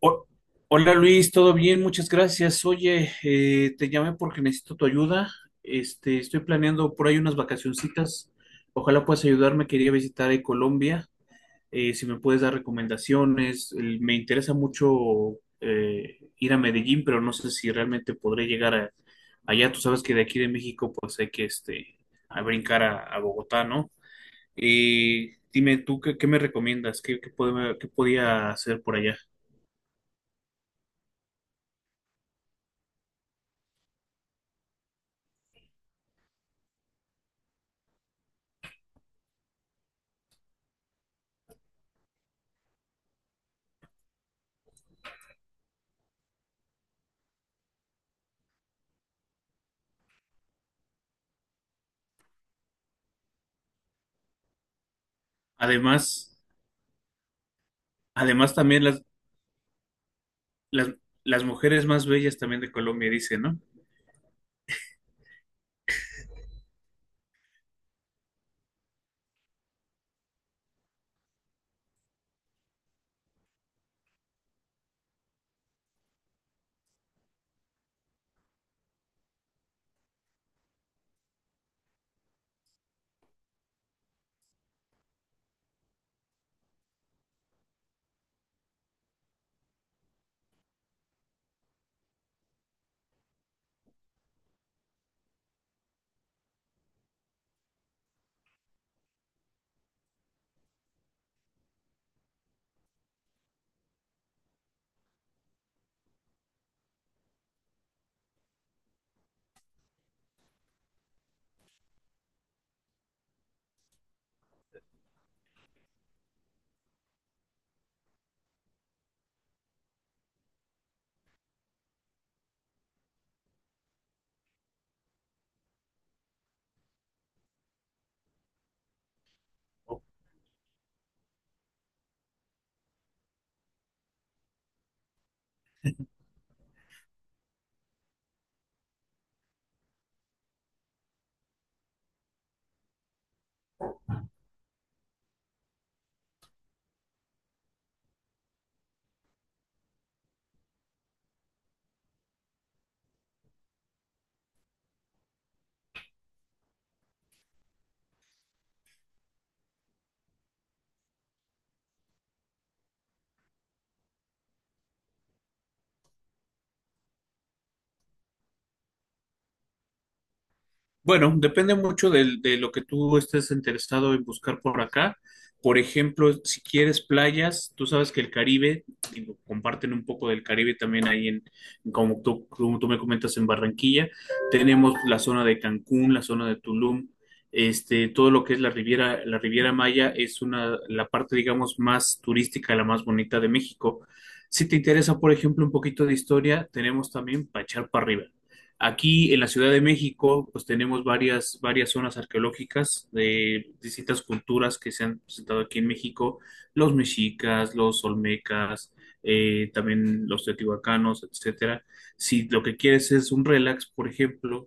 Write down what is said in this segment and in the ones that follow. Ho- Hola Luis, ¿todo bien? Muchas gracias. Oye, te llamé porque necesito tu ayuda. Estoy planeando por ahí unas vacacioncitas. Ojalá puedas ayudarme. Quería visitar Colombia. Si me puedes dar recomendaciones. Me interesa mucho ir a Medellín, pero no sé si realmente podré llegar allá. Tú sabes que de aquí de México, pues hay que a brincar a Bogotá, ¿no? Dime tú, ¿qué me recomiendas? ¿Qué podía hacer por allá? Además. Además, también las, las mujeres más bellas también de Colombia, dice, ¿no? Bueno, depende mucho de lo que tú estés interesado en buscar por acá. Por ejemplo, si quieres playas, tú sabes que el Caribe, digo, comparten un poco del Caribe también ahí en, como tú me comentas, en Barranquilla. Tenemos la zona de Cancún, la zona de Tulum, todo lo que es la Riviera Maya es una, la parte, digamos, más turística, la más bonita de México. Si te interesa, por ejemplo, un poquito de historia, tenemos también para echar para arriba. Aquí en la Ciudad de México, pues tenemos varias zonas arqueológicas de distintas culturas que se han presentado aquí en México, los mexicas, los olmecas, también los teotihuacanos, etcétera. Si lo que quieres es un relax, por ejemplo,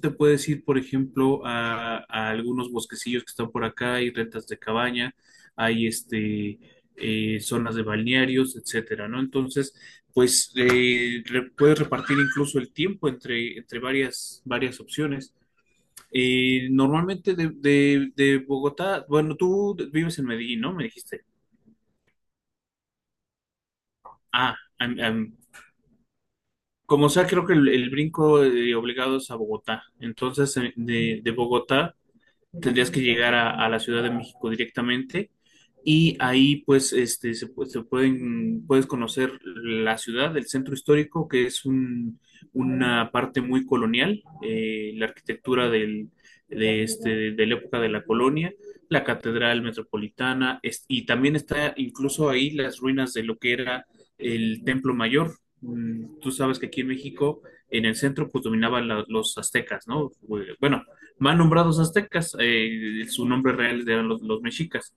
te puedes ir, por ejemplo, a algunos bosquecillos que están por acá, hay rentas de cabaña, hay zonas de balnearios, etcétera, ¿no? Entonces, pues puedes repartir incluso el tiempo entre varias opciones. Normalmente de Bogotá, bueno, tú vives en Medellín, ¿no? Me dijiste. Ah, am- am, como sea, creo que el brinco obligado es a Bogotá. Entonces, de Bogotá tendrías que llegar a la Ciudad de México directamente y ahí pues este se, pu- se pueden puedes conocer la ciudad, el centro histórico, que es una parte muy colonial, la arquitectura del, de este de la época de la colonia, la catedral metropolitana y también está incluso ahí las ruinas de lo que era el Templo Mayor. Mm, tú sabes que aquí en México, en el centro, pues dominaban los aztecas, ¿no? Bueno, mal nombrados aztecas, su nombre real eran los mexicas,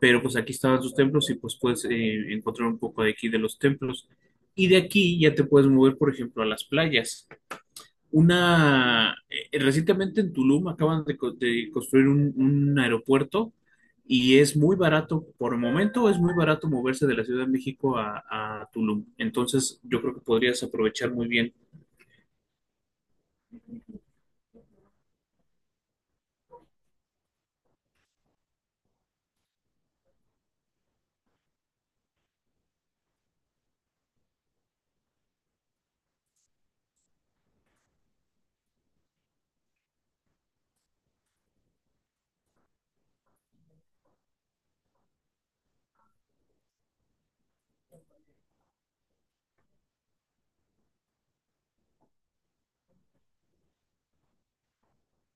pero pues aquí estaban sus templos y pues puedes encontrar un poco de aquí de los templos. Y de aquí ya te puedes mover, por ejemplo, a las playas. Una, recientemente en Tulum acaban de construir un aeropuerto y es muy barato, por el momento es muy barato moverse de la Ciudad de México a Tulum. Entonces yo creo que podrías aprovechar muy bien.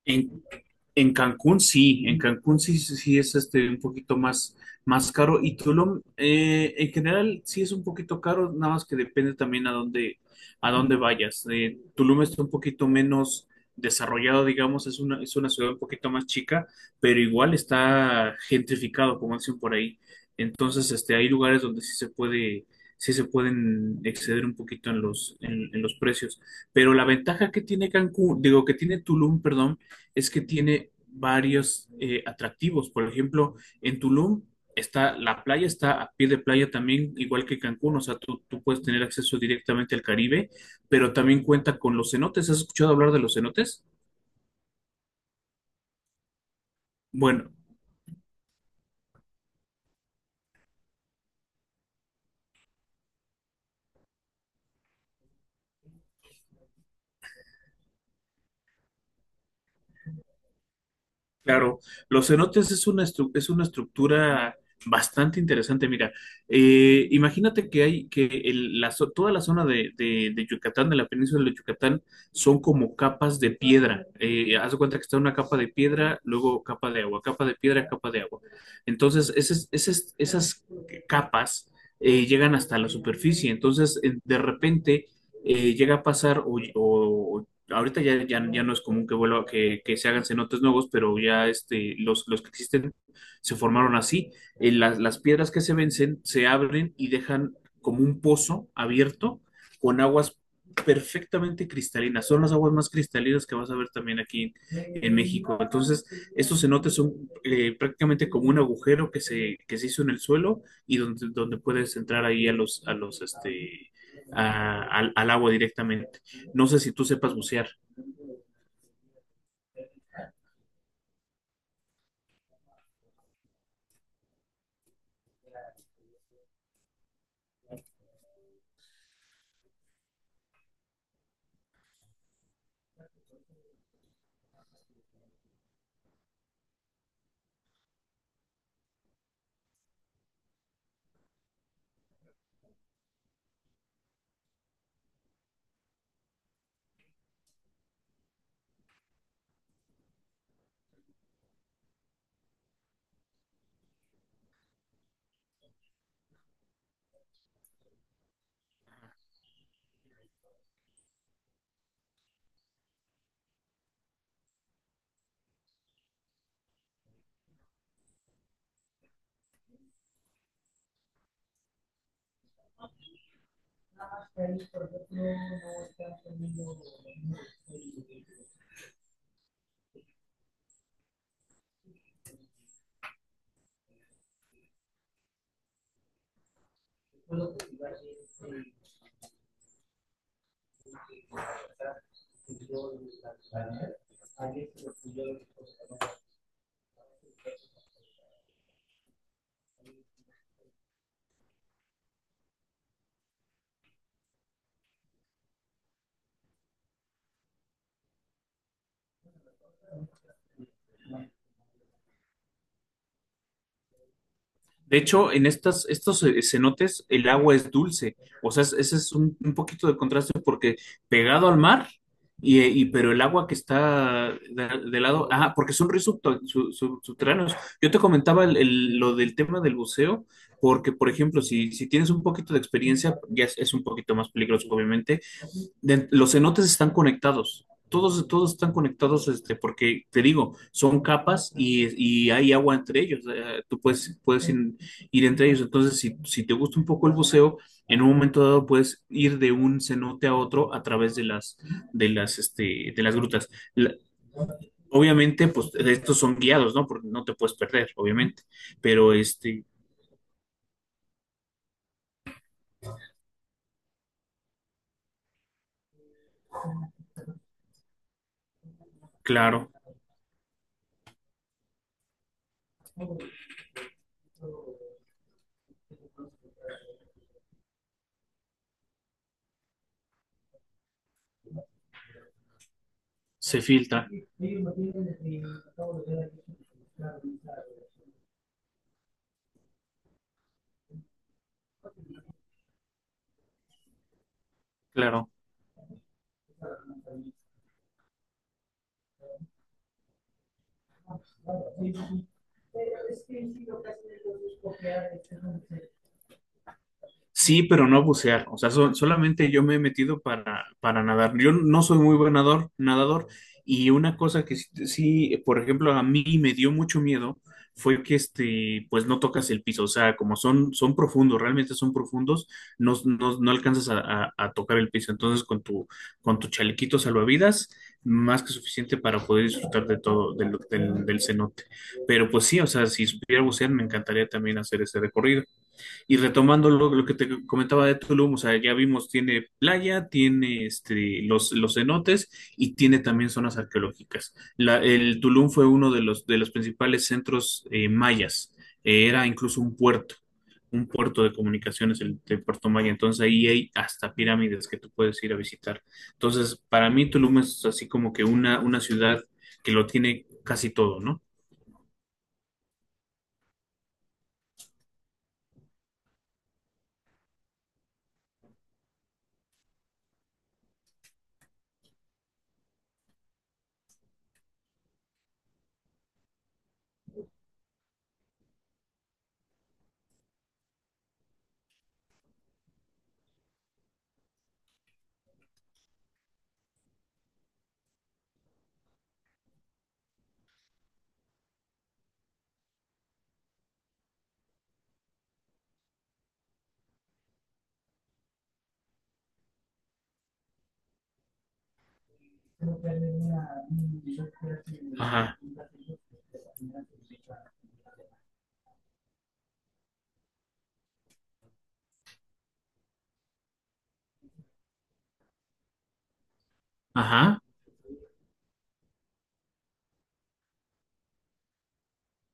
En En Cancún sí, en Cancún sí, sí sí es un poquito más, más caro y Tulum en general sí es un poquito caro, nada más que depende también a dónde vayas. Tulum está un poquito menos desarrollado, digamos, es una ciudad un poquito más chica, pero igual está gentrificado, como dicen por ahí. Entonces, hay lugares donde sí se puede, sí se pueden exceder un poquito en los precios. Pero la ventaja que tiene Cancún, digo, que tiene Tulum, perdón, es que tiene varios atractivos. Por ejemplo, en Tulum está la playa, está a pie de playa también, igual que Cancún, o sea, tú puedes tener acceso directamente al Caribe, pero también cuenta con los cenotes. ¿Has escuchado hablar de los cenotes? Bueno, claro, los cenotes es una estructura bastante interesante. Mira, imagínate que hay que toda la zona de Yucatán, de la península de Yucatán, son como capas de piedra. Haz de cuenta que está una capa de piedra, luego capa de agua, capa de piedra, capa de agua. Entonces, esas capas llegan hasta la superficie. Entonces, de repente llega a pasar o ahorita ya no es común que vuelva, que se hagan cenotes nuevos, pero ya los que existen se formaron así. Las piedras que se vencen se abren y dejan como un pozo abierto con aguas perfectamente cristalinas. Son las aguas más cristalinas que vas a ver también aquí en México. Entonces, estos cenotes son prácticamente como un agujero que se hizo en el suelo y donde puedes entrar ahí a los, este, a- al, al agua directamente. No sé si tú sepas bucear. De hecho, en estos cenotes el agua es dulce. O sea, ese es un poquito de contraste porque pegado al mar, y, pero el agua que está de lado, ah, porque son ríos subterráneos. Yo te comentaba lo del tema del buceo, porque, por ejemplo, si tienes un poquito de experiencia, ya es un poquito más peligroso, obviamente, los cenotes están conectados. Todos están conectados, porque te digo, son capas y hay agua entre ellos. Tú puedes ir entre ellos. Entonces, si te gusta un poco el buceo, en un momento dado puedes ir de un cenote a otro a través de de las grutas. La- obviamente, pues estos son guiados, ¿no? Porque no te puedes perder, obviamente. Pero, claro, se filtra, claro. Sí, pero no bucear. O sea, solamente yo me he metido para nadar. Yo no soy muy buen nadador. Y una cosa que por ejemplo, a mí me dio mucho miedo fue que pues no tocas el piso. O sea, como son profundos, realmente son profundos, no alcanzas a tocar el piso. Entonces, con tu chalequito salvavidas, más que suficiente para poder disfrutar de todo, del cenote. Pero pues sí, o sea, si supiera bucear, me encantaría también hacer ese recorrido. Y retomando lo que te comentaba de Tulum, o sea, ya vimos, tiene playa, tiene los cenotes y tiene también zonas arqueológicas. El Tulum fue uno de los principales centros mayas. Era incluso un puerto de comunicaciones, el puerto maya, entonces ahí hay hasta pirámides que tú puedes ir a visitar. Entonces, para mí Tulum es así como que una ciudad que lo tiene casi todo, ¿no? Ajá, ajá.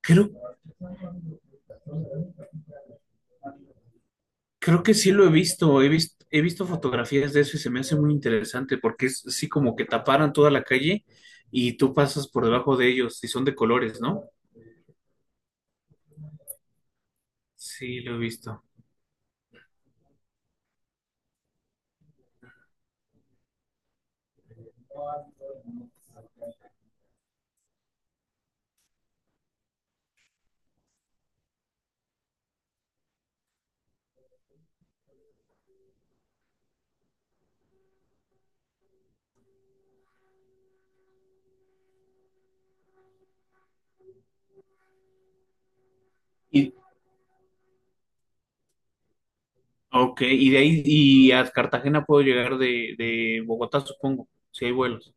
Creo Creo que sí lo he visto, he visto fotografías de eso y se me hace muy interesante porque es así como que taparan toda la calle y tú pasas por debajo de ellos y son de colores, ¿no? Sí, lo he visto. Y, ok, y de ahí y a Cartagena puedo llegar de Bogotá, supongo, si hay vuelos.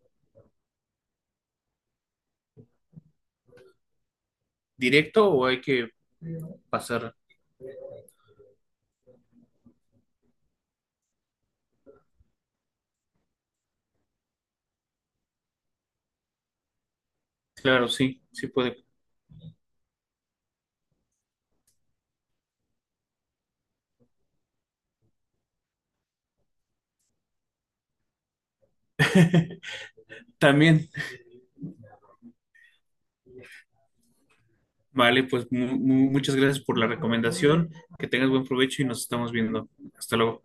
¿Directo o hay que pasar? Claro, sí, sí puede. También, vale, pues muchas gracias por la recomendación, que tengas buen provecho y nos estamos viendo. Hasta luego.